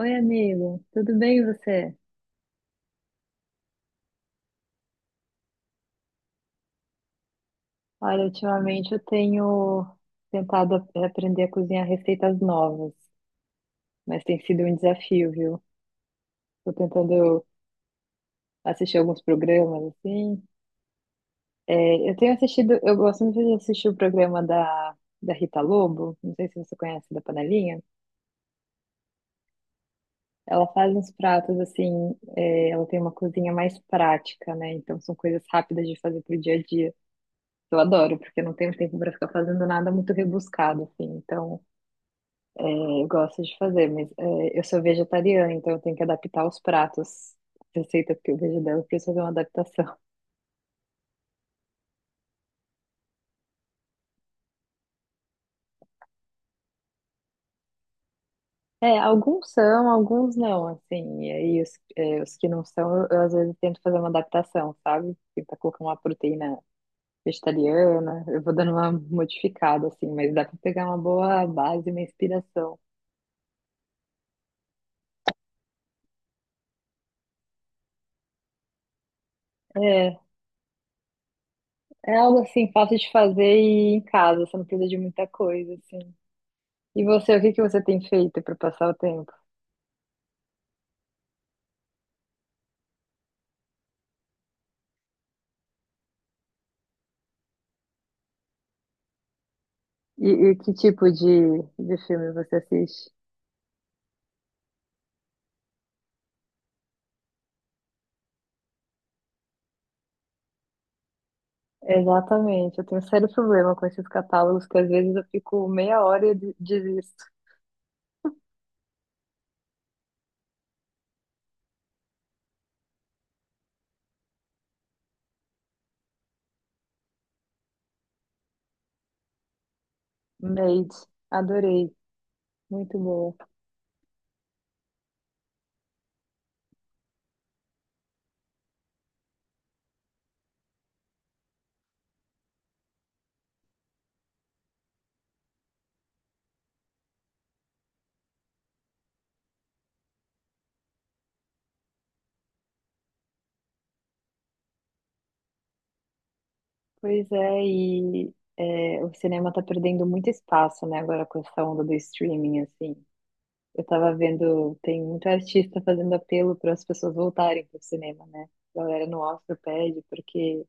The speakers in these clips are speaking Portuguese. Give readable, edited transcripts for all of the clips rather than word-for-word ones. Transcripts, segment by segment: Oi, amigo, tudo bem e você? Olha, ultimamente eu tenho tentado aprender a cozinhar receitas novas, mas tem sido um desafio, viu? Tô tentando assistir alguns programas, assim. É, eu tenho assistido, eu gosto muito de assistir o programa da Rita Lobo, não sei se você conhece, da Panelinha. Ela faz uns pratos, assim, ela tem uma cozinha mais prática, né? Então são coisas rápidas de fazer pro dia a dia. Eu adoro, porque eu não tenho tempo para ficar fazendo nada muito rebuscado, assim, então. É, eu gosto de fazer, mas eu sou vegetariana, então eu tenho que adaptar os pratos, receitas que eu vejo dela, eu preciso fazer uma adaptação. É, alguns são, alguns não, assim, e aí os que não são, eu às vezes tento fazer uma adaptação, sabe? Tentar colocar uma proteína vegetariana, eu vou dando uma modificada, assim, mas dá pra pegar uma boa base, uma inspiração. É, é algo, assim, fácil de fazer e em casa, você não precisa de muita coisa, assim. E você, o que que você tem feito para passar o tempo? E que tipo de filme você assiste? Exatamente, eu tenho um sério problema com esses catálogos, que às vezes eu fico meia hora e desisto. Made, adorei, muito bom. Pois é, e o cinema tá perdendo muito espaço, né, agora com essa onda do streaming, assim. Eu tava vendo, tem muito artista fazendo apelo para as pessoas voltarem pro cinema, né? A galera no Oscar pede, porque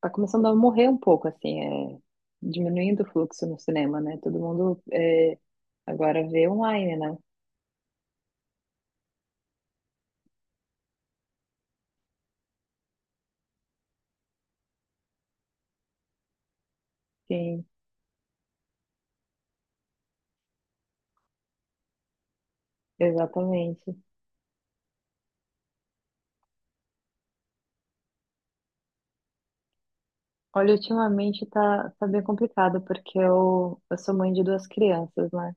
tá começando a morrer um pouco, assim, é, diminuindo o fluxo no cinema, né? Todo mundo agora vê online, né? Sim, exatamente. Olha, ultimamente tá bem complicado, porque eu sou mãe de duas crianças, né?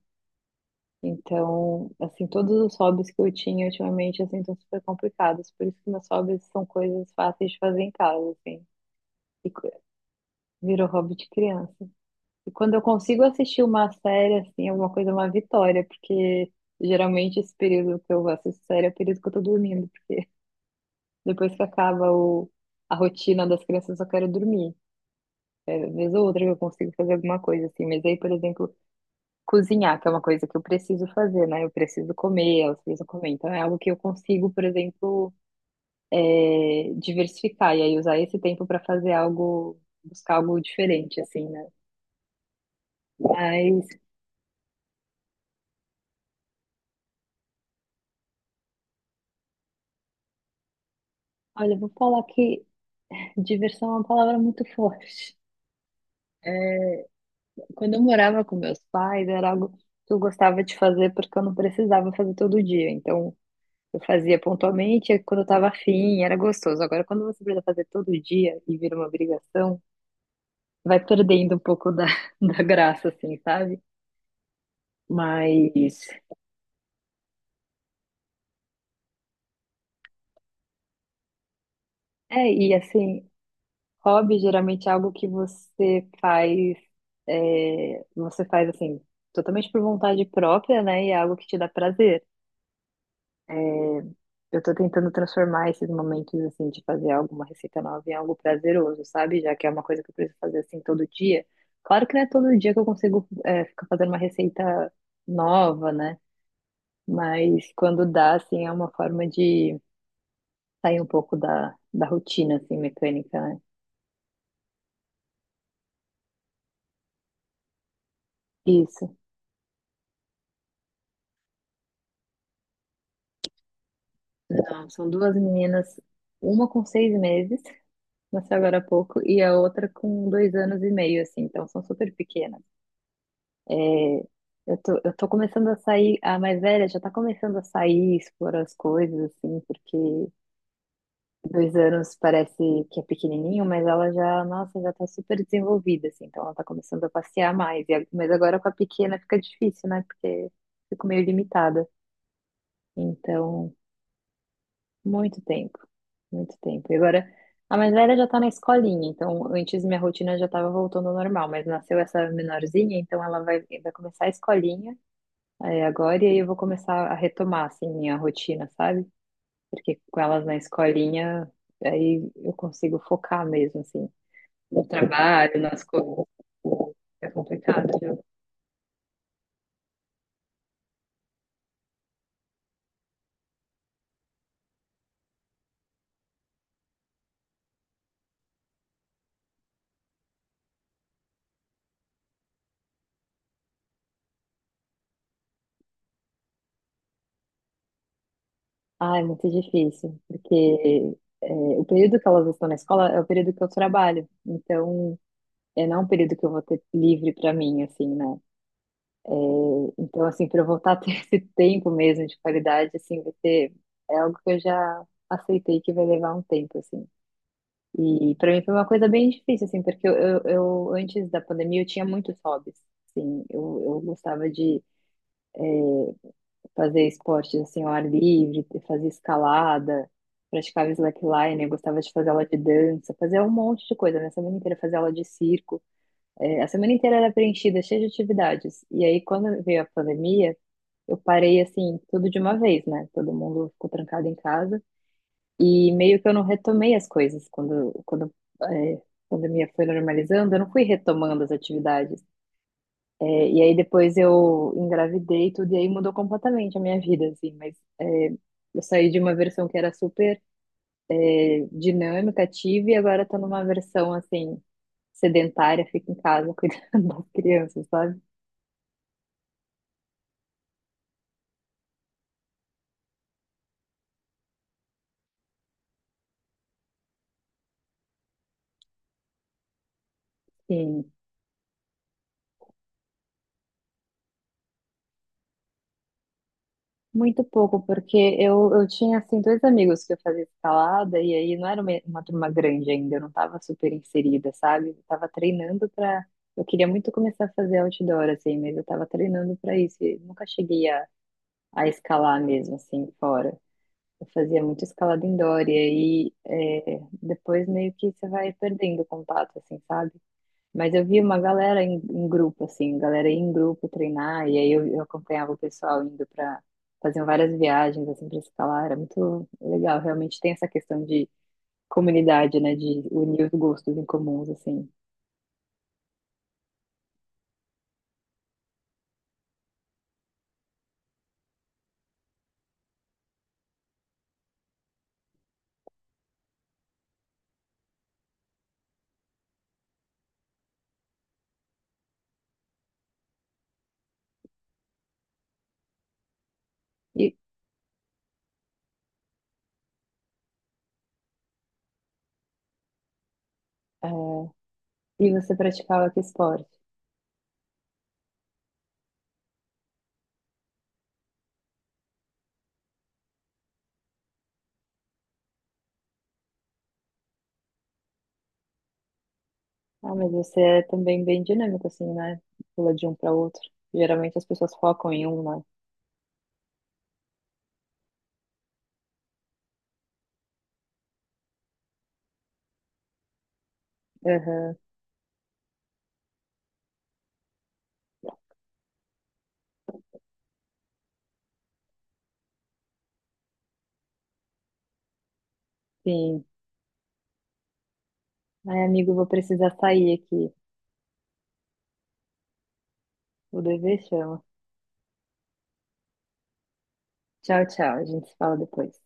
Então, assim, todos os hobbies que eu tinha ultimamente, assim, estão super complicados. Por isso que meus hobbies são coisas fáceis de fazer em casa, assim. E virou hobby de criança. E quando eu consigo assistir uma série, assim, alguma coisa, é uma vitória, porque geralmente esse período que eu assisto série é o período que eu tô dormindo. Depois que acaba a rotina das crianças, eu só quero dormir. É, vez ou outra que eu consigo fazer alguma coisa, assim. Mas aí, por exemplo, cozinhar, que é uma coisa que eu preciso fazer, né? Eu preciso comer, elas precisam comer. Então é algo que eu consigo, por exemplo, diversificar. E aí usar esse tempo para fazer algo, buscar algo diferente, assim, né? Mas, olha, eu vou falar que. Diversão é uma palavra muito forte. É, quando eu morava com meus pais, era algo que eu gostava de fazer porque eu não precisava fazer todo dia. Então, eu fazia pontualmente, e quando eu estava afim, era gostoso. Agora, quando você precisa fazer todo dia e vira uma obrigação, vai perdendo um pouco da, da graça, assim, sabe? Mas, e assim, hobby geralmente é algo que você faz, assim, totalmente por vontade própria, né? E é algo que te dá prazer. Eu tô tentando transformar esses momentos, assim, de fazer alguma receita nova em algo prazeroso, sabe? Já que é uma coisa que eu preciso fazer, assim, todo dia. Claro que não é todo dia que eu consigo, ficar fazendo uma receita nova, né? Mas quando dá, assim, é uma forma de sair um pouco da, rotina, assim, mecânica, né? Isso. Não, são duas meninas, uma com 6 meses, nasceu agora há pouco, e a outra com 2 anos e meio, assim. Então, são super pequenas. É, eu tô começando a sair, a mais velha já tá começando a sair, explorar as coisas, assim, porque 2 anos parece que é pequenininho, mas ela já, nossa, já tá super desenvolvida, assim, então ela tá começando a passear mais. E mas agora com a pequena fica difícil, né? Porque fico meio limitada. Então, muito tempo, muito tempo. E agora, a mais velha já tá na escolinha, então antes minha rotina já tava voltando ao normal, mas nasceu essa menorzinha, então ela vai começar a escolinha. Agora e aí eu vou começar a retomar assim minha rotina, sabe? Porque com elas na escolinha, aí eu consigo focar mesmo assim no trabalho, nas coisas. É complicado, viu? Ah, é muito difícil, porque o período que elas estão na escola é o período que eu trabalho. Então, não é um período que eu vou ter livre para mim, assim, né? É, então, assim, para eu voltar a ter esse tempo mesmo de qualidade, assim, vai ter, é algo que eu já aceitei que vai levar um tempo, assim. E para mim foi uma coisa bem difícil, assim, porque eu, antes da pandemia eu tinha muitos hobbies. Assim, eu gostava de fazer esportes assim, ao ar livre, fazer escalada, praticava slackline, eu gostava de fazer aula de dança, fazia um monte de coisa, né? A semana inteira fazia aula de circo. É, a semana inteira era preenchida, cheia de atividades. E aí, quando veio a pandemia, eu parei assim, tudo de uma vez, né? Todo mundo ficou trancado em casa. E meio que eu não retomei as coisas quando a pandemia foi normalizando, eu não fui retomando as atividades. É, e aí depois eu engravidei e tudo, e aí mudou completamente a minha vida, assim. Mas eu saí de uma versão que era super dinâmica, ativa, e agora tô numa versão, assim, sedentária, fico em casa cuidando das crianças, sabe? Sim, muito pouco, porque eu tinha, assim, dois amigos que eu fazia escalada, e aí não era uma turma grande ainda, eu não tava super inserida, sabe? Eu tava treinando pra. Eu queria muito começar a fazer outdoor, assim, mas eu tava treinando pra isso, e nunca cheguei a escalar mesmo, assim, fora. Eu fazia muito escalada indoor, e aí depois meio que você vai perdendo o contato, assim, sabe? Mas eu vi uma galera em grupo, assim, galera ia em grupo treinar, e aí eu acompanhava o pessoal indo para faziam várias viagens, assim, para escalar, era muito legal, realmente tem essa questão de comunidade, né, de unir os gostos em comuns, assim. E, é, e você praticava que esporte? Ah, mas você é também bem dinâmico, assim, né, pula de um para outro. Geralmente as pessoas focam em um, né? Aham, sim. Ai, amigo, vou precisar sair aqui, o dever chama. Tchau, tchau, a gente se fala depois.